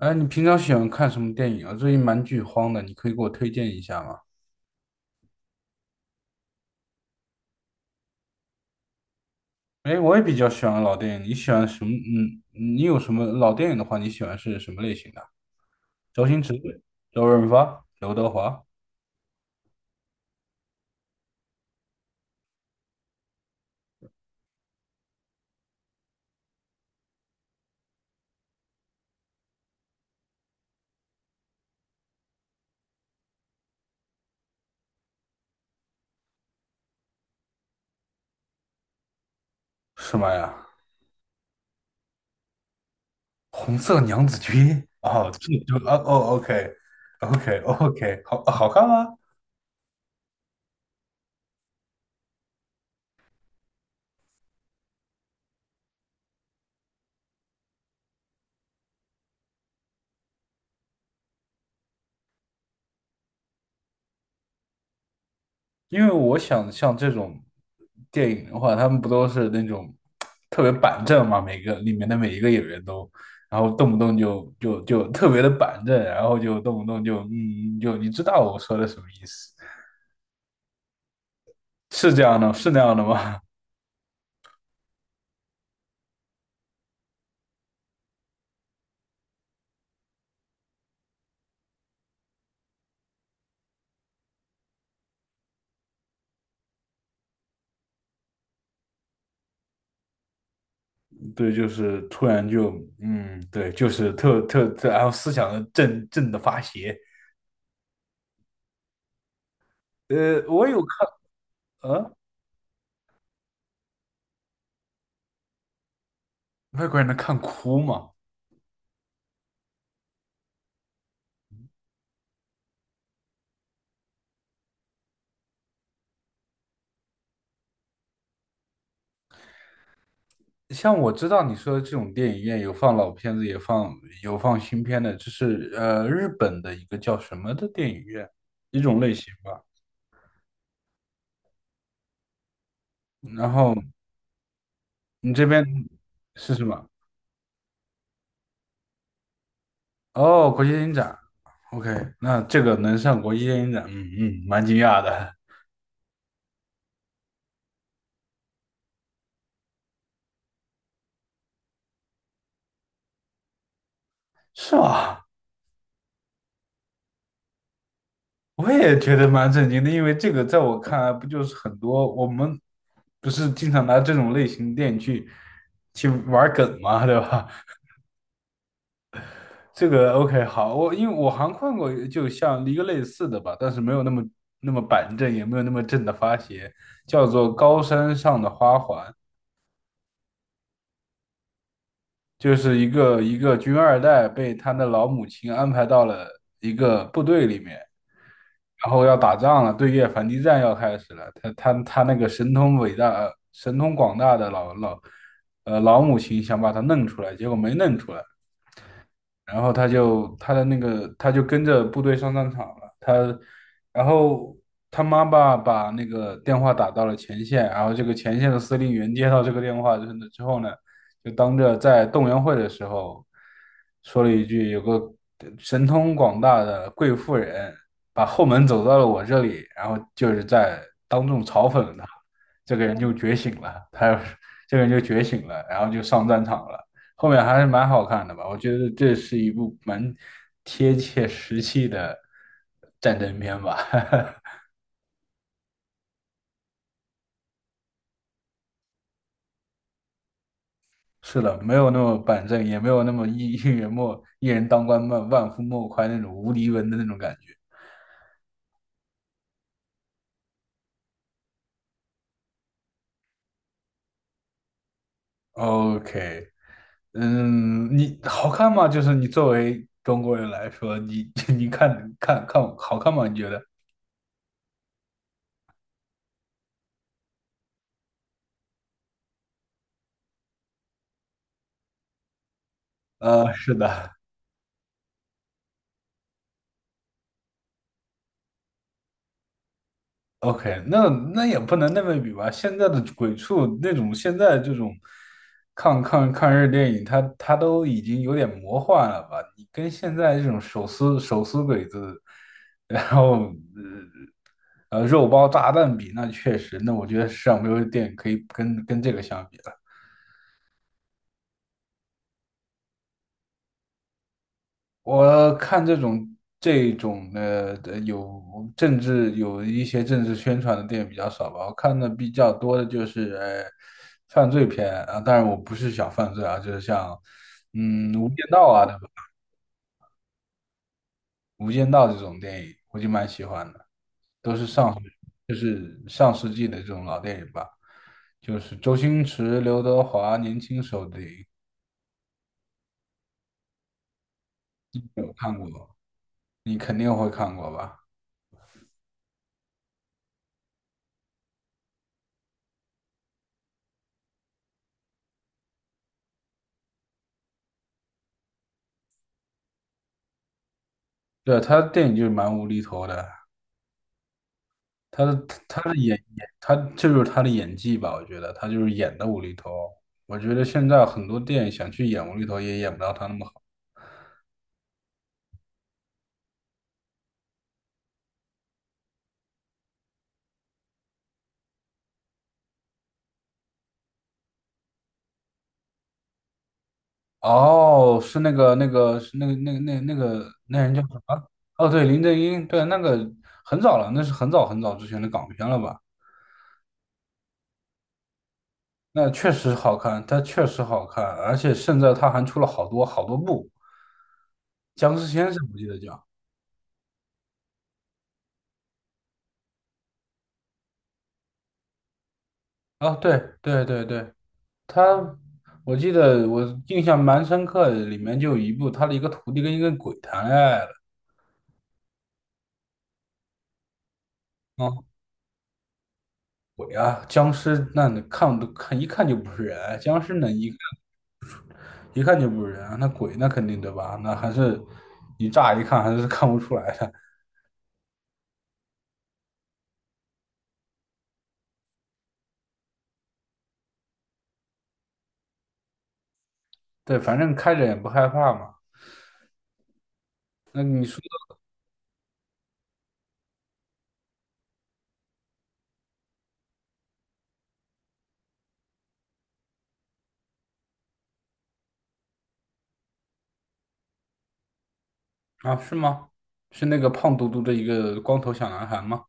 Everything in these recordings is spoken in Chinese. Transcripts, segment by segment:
哎，你平常喜欢看什么电影啊？最近蛮剧荒的，你可以给我推荐一下吗？哎，我也比较喜欢老电影。你喜欢什么？嗯，你有什么老电影的话，你喜欢是什么类型的？周星驰、周润发、刘德华，什么呀？红色娘子军？哦，这就啊哦，OK，OK，OK，好好看吗？因为我想像这种电影的话，他们不都是那种特别板正嘛？每个里面的每一个演员都，然后动不动就特别的板正，然后就动不动就就你知道我说的什么意思？是这样的，是那样的吗？对，就是突然就对，就是特，然后思想的正正的发邪。我有看，呃，外国人能看哭吗？像我知道你说的这种电影院有放老片子，也放有放新片的，就是日本的一个叫什么的电影院，一种类型吧。然后你这边是什么？哦，国际电影展。OK，那这个能上国际电影展，嗯嗯，蛮惊讶的，是吧？我也觉得蛮震惊的，因为这个在我看来，不就是很多我们不是经常拿这种类型的电影去去玩梗嘛，对吧？这个 OK 好，我因为我好像看过，就像一个类似的吧，但是没有那么那么板正，也没有那么正的发邪，叫做《高山上的花环》，就是一个军二代被他的老母亲安排到了一个部队里面，然后要打仗了，对越反击战要开始了。他那个神通伟大、神通广大的老母亲想把他弄出来，结果没弄出来。然后他就他的那个他就跟着部队上战场了。他，然后他妈妈把那个电话打到了前线，然后这个前线的司令员接到这个电话之后呢就当着在动员会的时候说了一句：“有个神通广大的贵妇人把后门走到了我这里。”然后就是在当众嘲讽了他。这个人就觉醒了，他 这个人就觉醒了，然后就上战场了。后面还是蛮好看的吧？我觉得这是一部蛮贴切实际的战争片吧。是的，没有那么板正，也没有那么一人莫一人当官万万夫莫开那种无敌文的那种感觉。OK，嗯，你好看吗？就是你作为中国人来说，你 你看好看吗？你觉得？呃，是的。OK，那那也不能那么比吧。现在的鬼畜那种，现在这种抗日电影，它都已经有点魔幻了吧？你跟现在这种手撕鬼子，然后肉包炸弹比，那确实，那我觉得世上没有电影可以跟跟这个相比了。我看这种的有政治有一些政治宣传的电影比较少吧，我看的比较多的就是犯罪片啊，当然我不是小犯罪啊，就是像《无间道》啊，对吧？《无间道》这种电影我就蛮喜欢的，都是上就是上世纪的这种老电影吧，就是周星驰、刘德华年轻时候的电影，有看过，你肯定会看过吧？对，他的电影就是蛮无厘头的，他的他的演他这就是他的演技吧，我觉得他就是演的无厘头。我觉得现在很多电影想去演无厘头也演不到他那么好。哦，是那个那个是那个那人叫什么？哦，对，林正英，对，那个很早了，那是很早很早之前的港片了吧？那确实好看，他确实好看，而且现在他还出了好多好多部，《僵尸先生》我记得叫。哦，对，他，我记得我印象蛮深刻的，里面就有一部他的一个徒弟跟一个鬼谈恋爱了。啊、鬼啊，僵尸那你看都看一看就不是人，僵尸那一看就不是人，那鬼那肯定对吧？那还是你乍一看还是看不出来的。对，反正开着也不害怕嘛。那你说的啊，是吗？是那个胖嘟嘟的一个光头小男孩吗？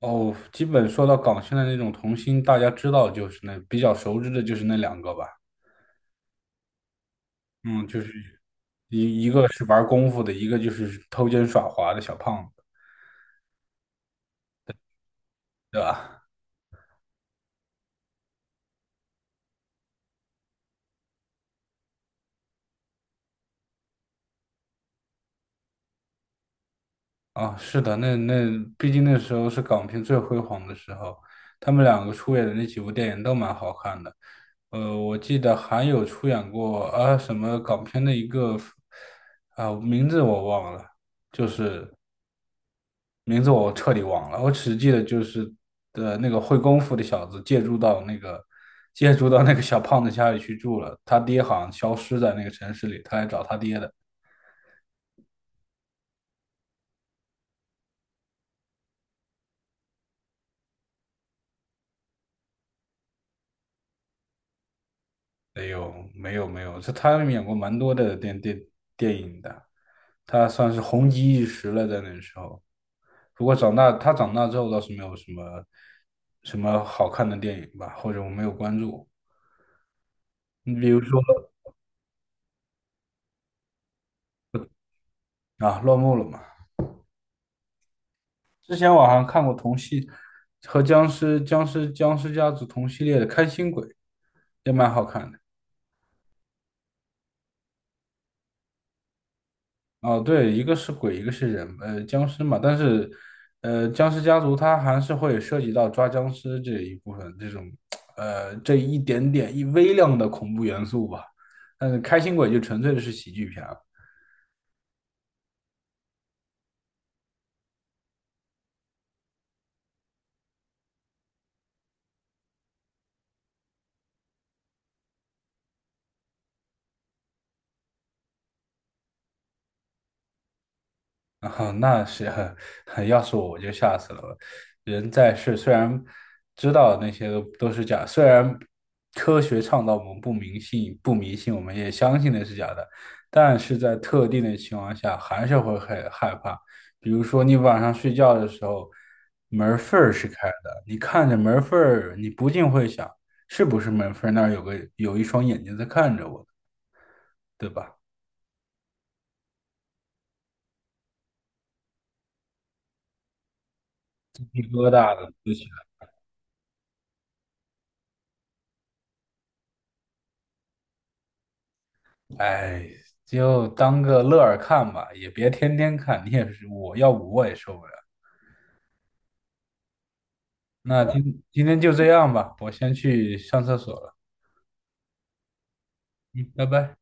哦，基本说到港星的那种童星，大家知道就是那比较熟知的就是那两个吧。嗯，就是一个是玩功夫的，一个就是偷奸耍滑的小胖子，对吧？啊，是的，那那毕竟那时候是港片最辉煌的时候，他们两个出演的那几部电影都蛮好看的。呃，我记得还有出演过啊什么港片的一个啊名字我忘了，就是名字我彻底忘了，我只记得就是的那个会功夫的小子借住到那个小胖子家里去住了，他爹好像消失在那个城市里，他来找他爹的。哎呦，没有，这他演过蛮多的电影的，他算是红极一时了，在那时候。不过长大他长大之后倒是没有什么什么好看的电影吧，或者我没有关注。你比如说啊，落幕了嘛。之前我好像看过同系和僵尸家族同系列的《开心鬼》，也蛮好看的。哦，对，一个是鬼，一个是人，呃，僵尸嘛。但是，呃，僵尸家族它还是会涉及到抓僵尸这一部分，这种，呃，这一点点一微量的恐怖元素吧。但是《开心鬼》就纯粹的是喜剧片了。啊，那是很，要是我就吓死了。人在世，虽然知道那些都是假，虽然科学倡导我们不迷信，不迷信，我们也相信那是假的，但是在特定的情况下，还是会很害怕。比如说，你晚上睡觉的时候，门缝儿是开的，你看着门缝儿，你不禁会想，是不是门缝儿那儿有个有一双眼睛在看着我，对吧？鸡皮疙瘩的。哎，就当个乐儿看吧，也别天天看。你也是，我要不我也受不了。那今天就这样吧，我先去上厕所了。嗯，拜拜。